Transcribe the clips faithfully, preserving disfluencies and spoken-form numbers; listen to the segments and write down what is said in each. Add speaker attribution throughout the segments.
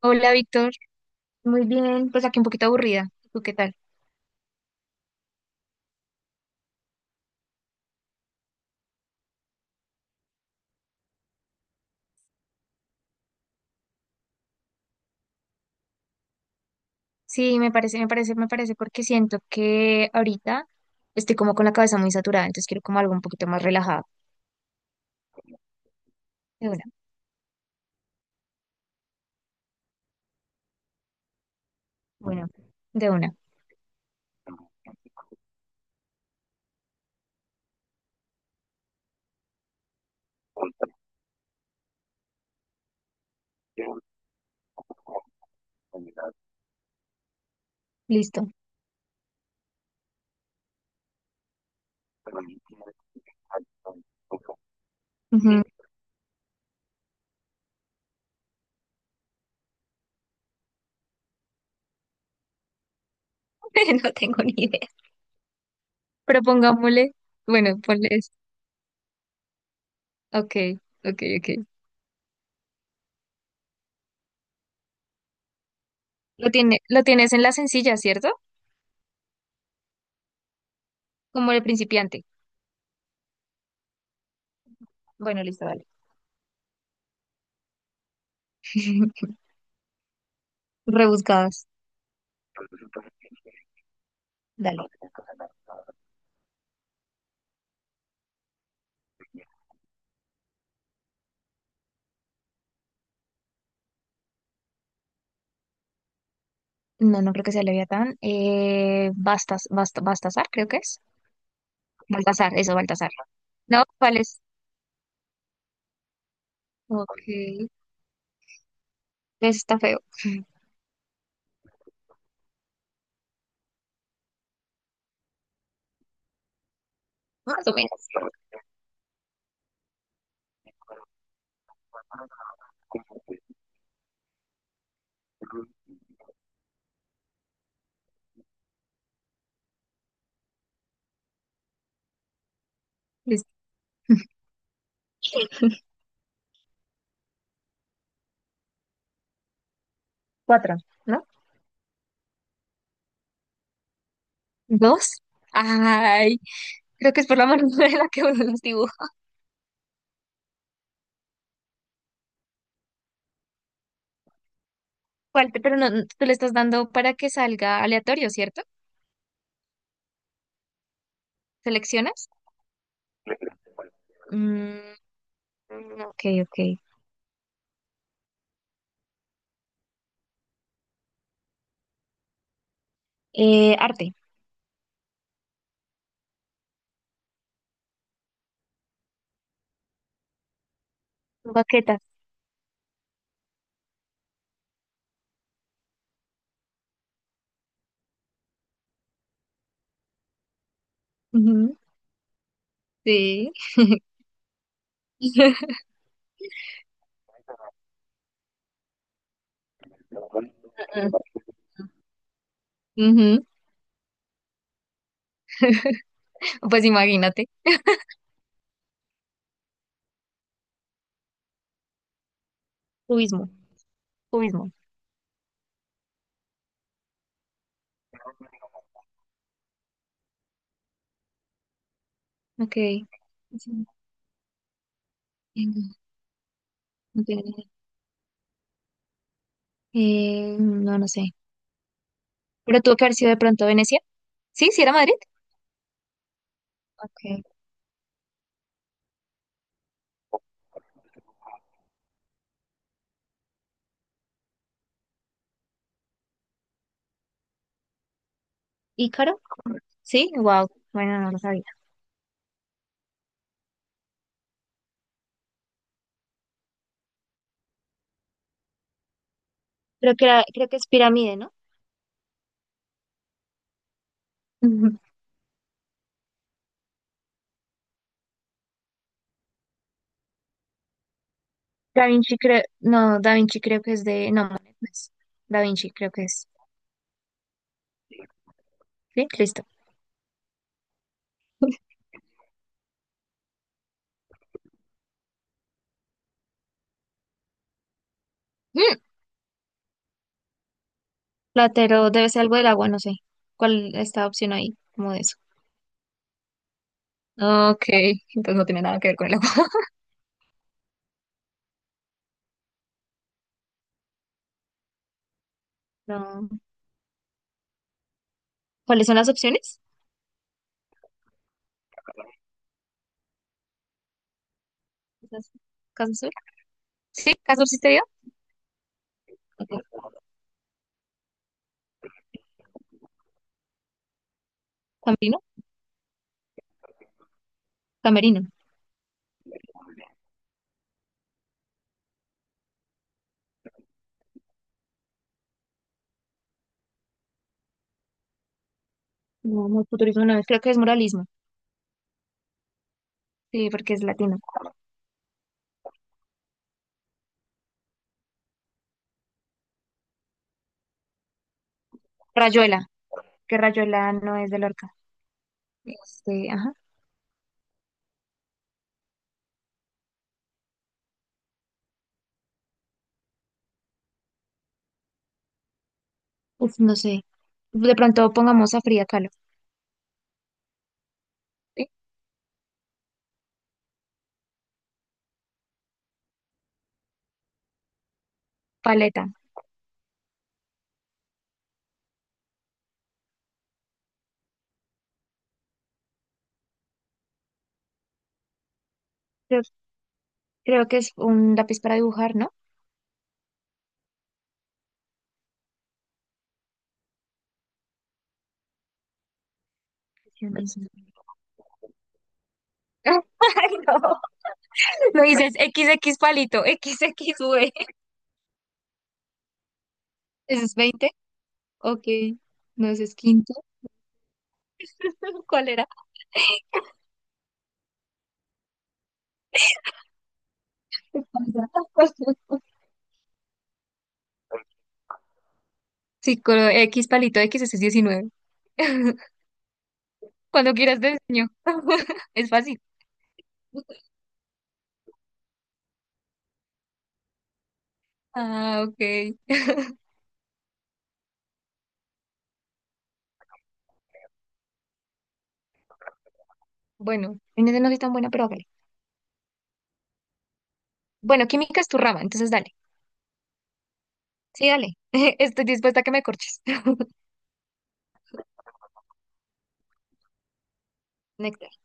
Speaker 1: Hola, Víctor. Muy bien, pues aquí un poquito aburrida. ¿Tú qué tal? Sí, me parece, me parece, me parece porque siento que ahorita estoy como con la cabeza muy saturada, entonces quiero como algo un poquito más relajado. De una, bueno, de una. Listo. Ujú. No tengo ni idea. Propongámosle. Bueno, ponle eso. Ok, ok, ok. Lo tiene, lo tienes en la sencilla, ¿cierto? Como el principiante. Bueno, listo, vale. Rebuscadas. Dale. No, no creo que sea Leviatán. Eh, Bastas, Bast- Bastasar, creo que es. Baltasar, eso, Baltasar. No, ¿cuál es? Ok, eso está feo. Más o menos. Es cuatro, ¿no? ¿Dos? Ay, creo que es por la mano de la que uno los dibuja. ¿Cuál te- Pero no, no, tú le estás dando para que salga aleatorio, ¿cierto? ¿Seleccionas? Mm, ok, ok. Eh, arte. Baquetas. Ujú, sí. Ujú, pues imagínate. Cubismo. Cubismo. Ok. Sí, entiendo, entiendo. Eh, no, no sé. Pero tuvo que haber sido de pronto Venecia. Sí, sí era Madrid. Ok. ¿Ícaro? Sí, wow. Bueno, no lo sabía. Creo que era- creo que es pirámide, ¿no? Ujú. Da Vinci creo, no, Da Vinci creo que es de, no, Monet no es. Da Vinci creo que es. Sí, listo. Mm, Platero debe ser algo del agua, no sé. ¿Cuál está la opción ahí? Como de eso. Ok, entonces no tiene nada que ver con el agua. No. ¿Cuáles son las opciones? Casasol. Sí, Casasol sí te. Camerino, Camerino. No, no, futurismo no es, creo que es muralismo, sí, porque es latino. Rayuela, que Rayuela no es de Lorca. Este, ajá, uf, no sé. De pronto pongamos a Frida Kahlo. ¿Sí? Paleta, creo, creo que es un lápiz para dibujar, ¿no? Sí, no sé. Ay, no, lo dices equis equis palito, equis equis uve. ¿Ese es veinte? Ok, no, ese es quinto. ¿Cuál era? Sí, con X palito, X ese es diecinueve. Cuando quieras te enseño. Es fácil. Ah, ok. Bueno, en ese no soy tan buena, pero hágale. Bueno, química es tu rama, entonces dale. Sí, dale. Estoy dispuesta a que me corches. Néctar.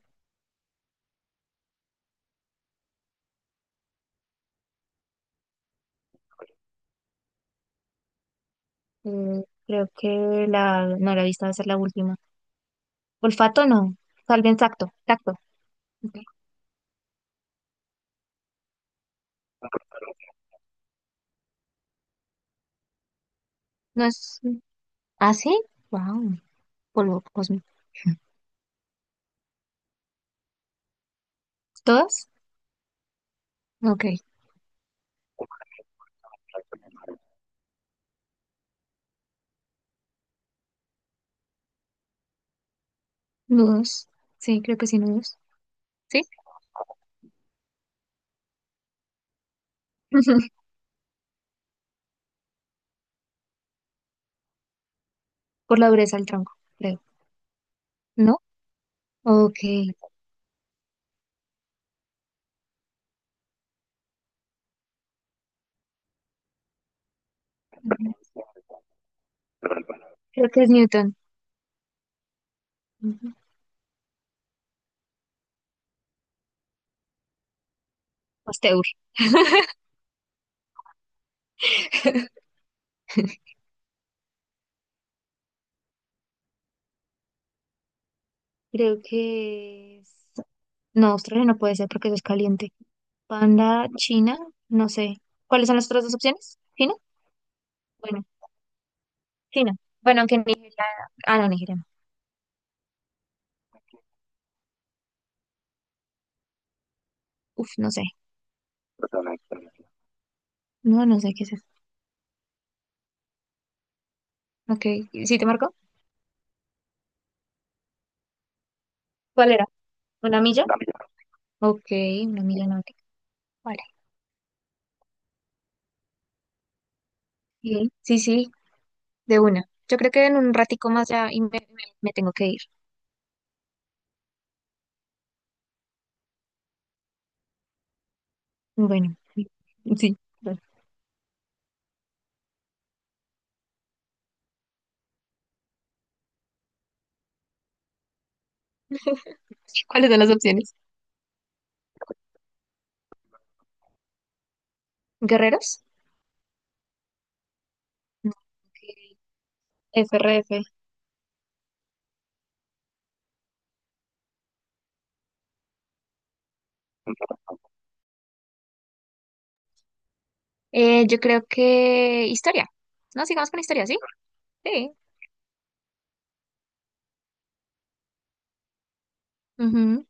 Speaker 1: Mm, creo que la... No, la vista va a ser la última. Olfato no. Tal vez tacto. Tacto. Ok. No es... ¿Ah, sí? Wow. Polvo cósmico. ¿Todas? Ok. Nudos. Sí, creo que sí, nudos. ¿Sí? Por la dureza del tronco, creo. ¿No? Ok. Creo que es Newton. Ujú. Pasteur. Creo que es... No, Australia no puede ser porque eso es caliente. Panda, China, no sé. ¿Cuáles son las otras dos opciones? ¿China? Bueno, China. Bueno, aunque Nigeria... Ah, no, Nigeria no. Uf, no sé. No, no sé qué es eso. Ok, ¿sí te marcó? ¿Cuál era? ¿Una milla? Una milla. Ok, una milla náutica. Vale. Bien. Sí, sí, de una. Yo creo que en un ratico más ya y me, me- me tengo que ir. Bueno, sí. Sí. Vale. ¿Cuáles son las opciones? ¿Guerreros? No. Ok. S R F. Eh, yo creo que historia. No, sigamos con historia, ¿sí? Sí. Ujú.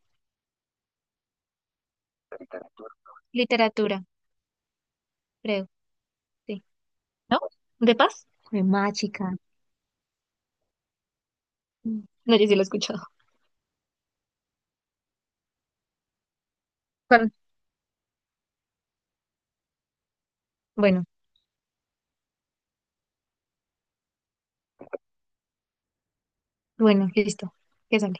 Speaker 1: Literatura, creo, sí. ¿No? ¿De paz? De mágica. No, yo sí lo he escuchado. ¿Cuál? Bueno, bueno, listo. ¿Qué sale?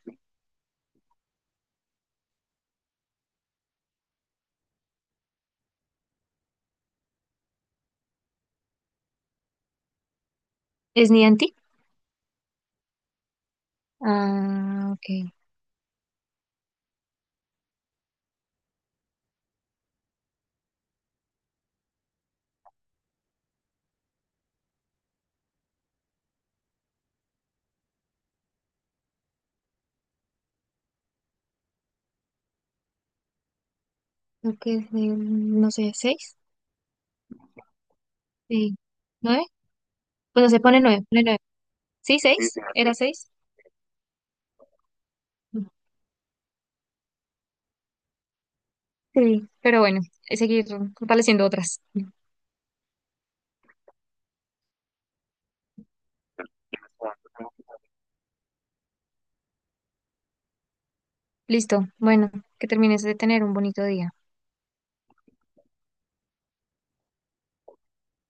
Speaker 1: ¿Es Niantic? Ah, ok. Creo que es de, no sé, ¿seis? Sí. ¿Nueve? Bueno, se pone nueve, pone nueve. ¿Sí, sí, seis? ¿Era seis? Sí. Pero bueno, es seguir fortaleciendo otras. Listo. Bueno, que termines de tener un bonito día.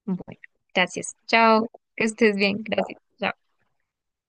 Speaker 1: Bueno, gracias. Chao, que estés bien. Gracias. Chao.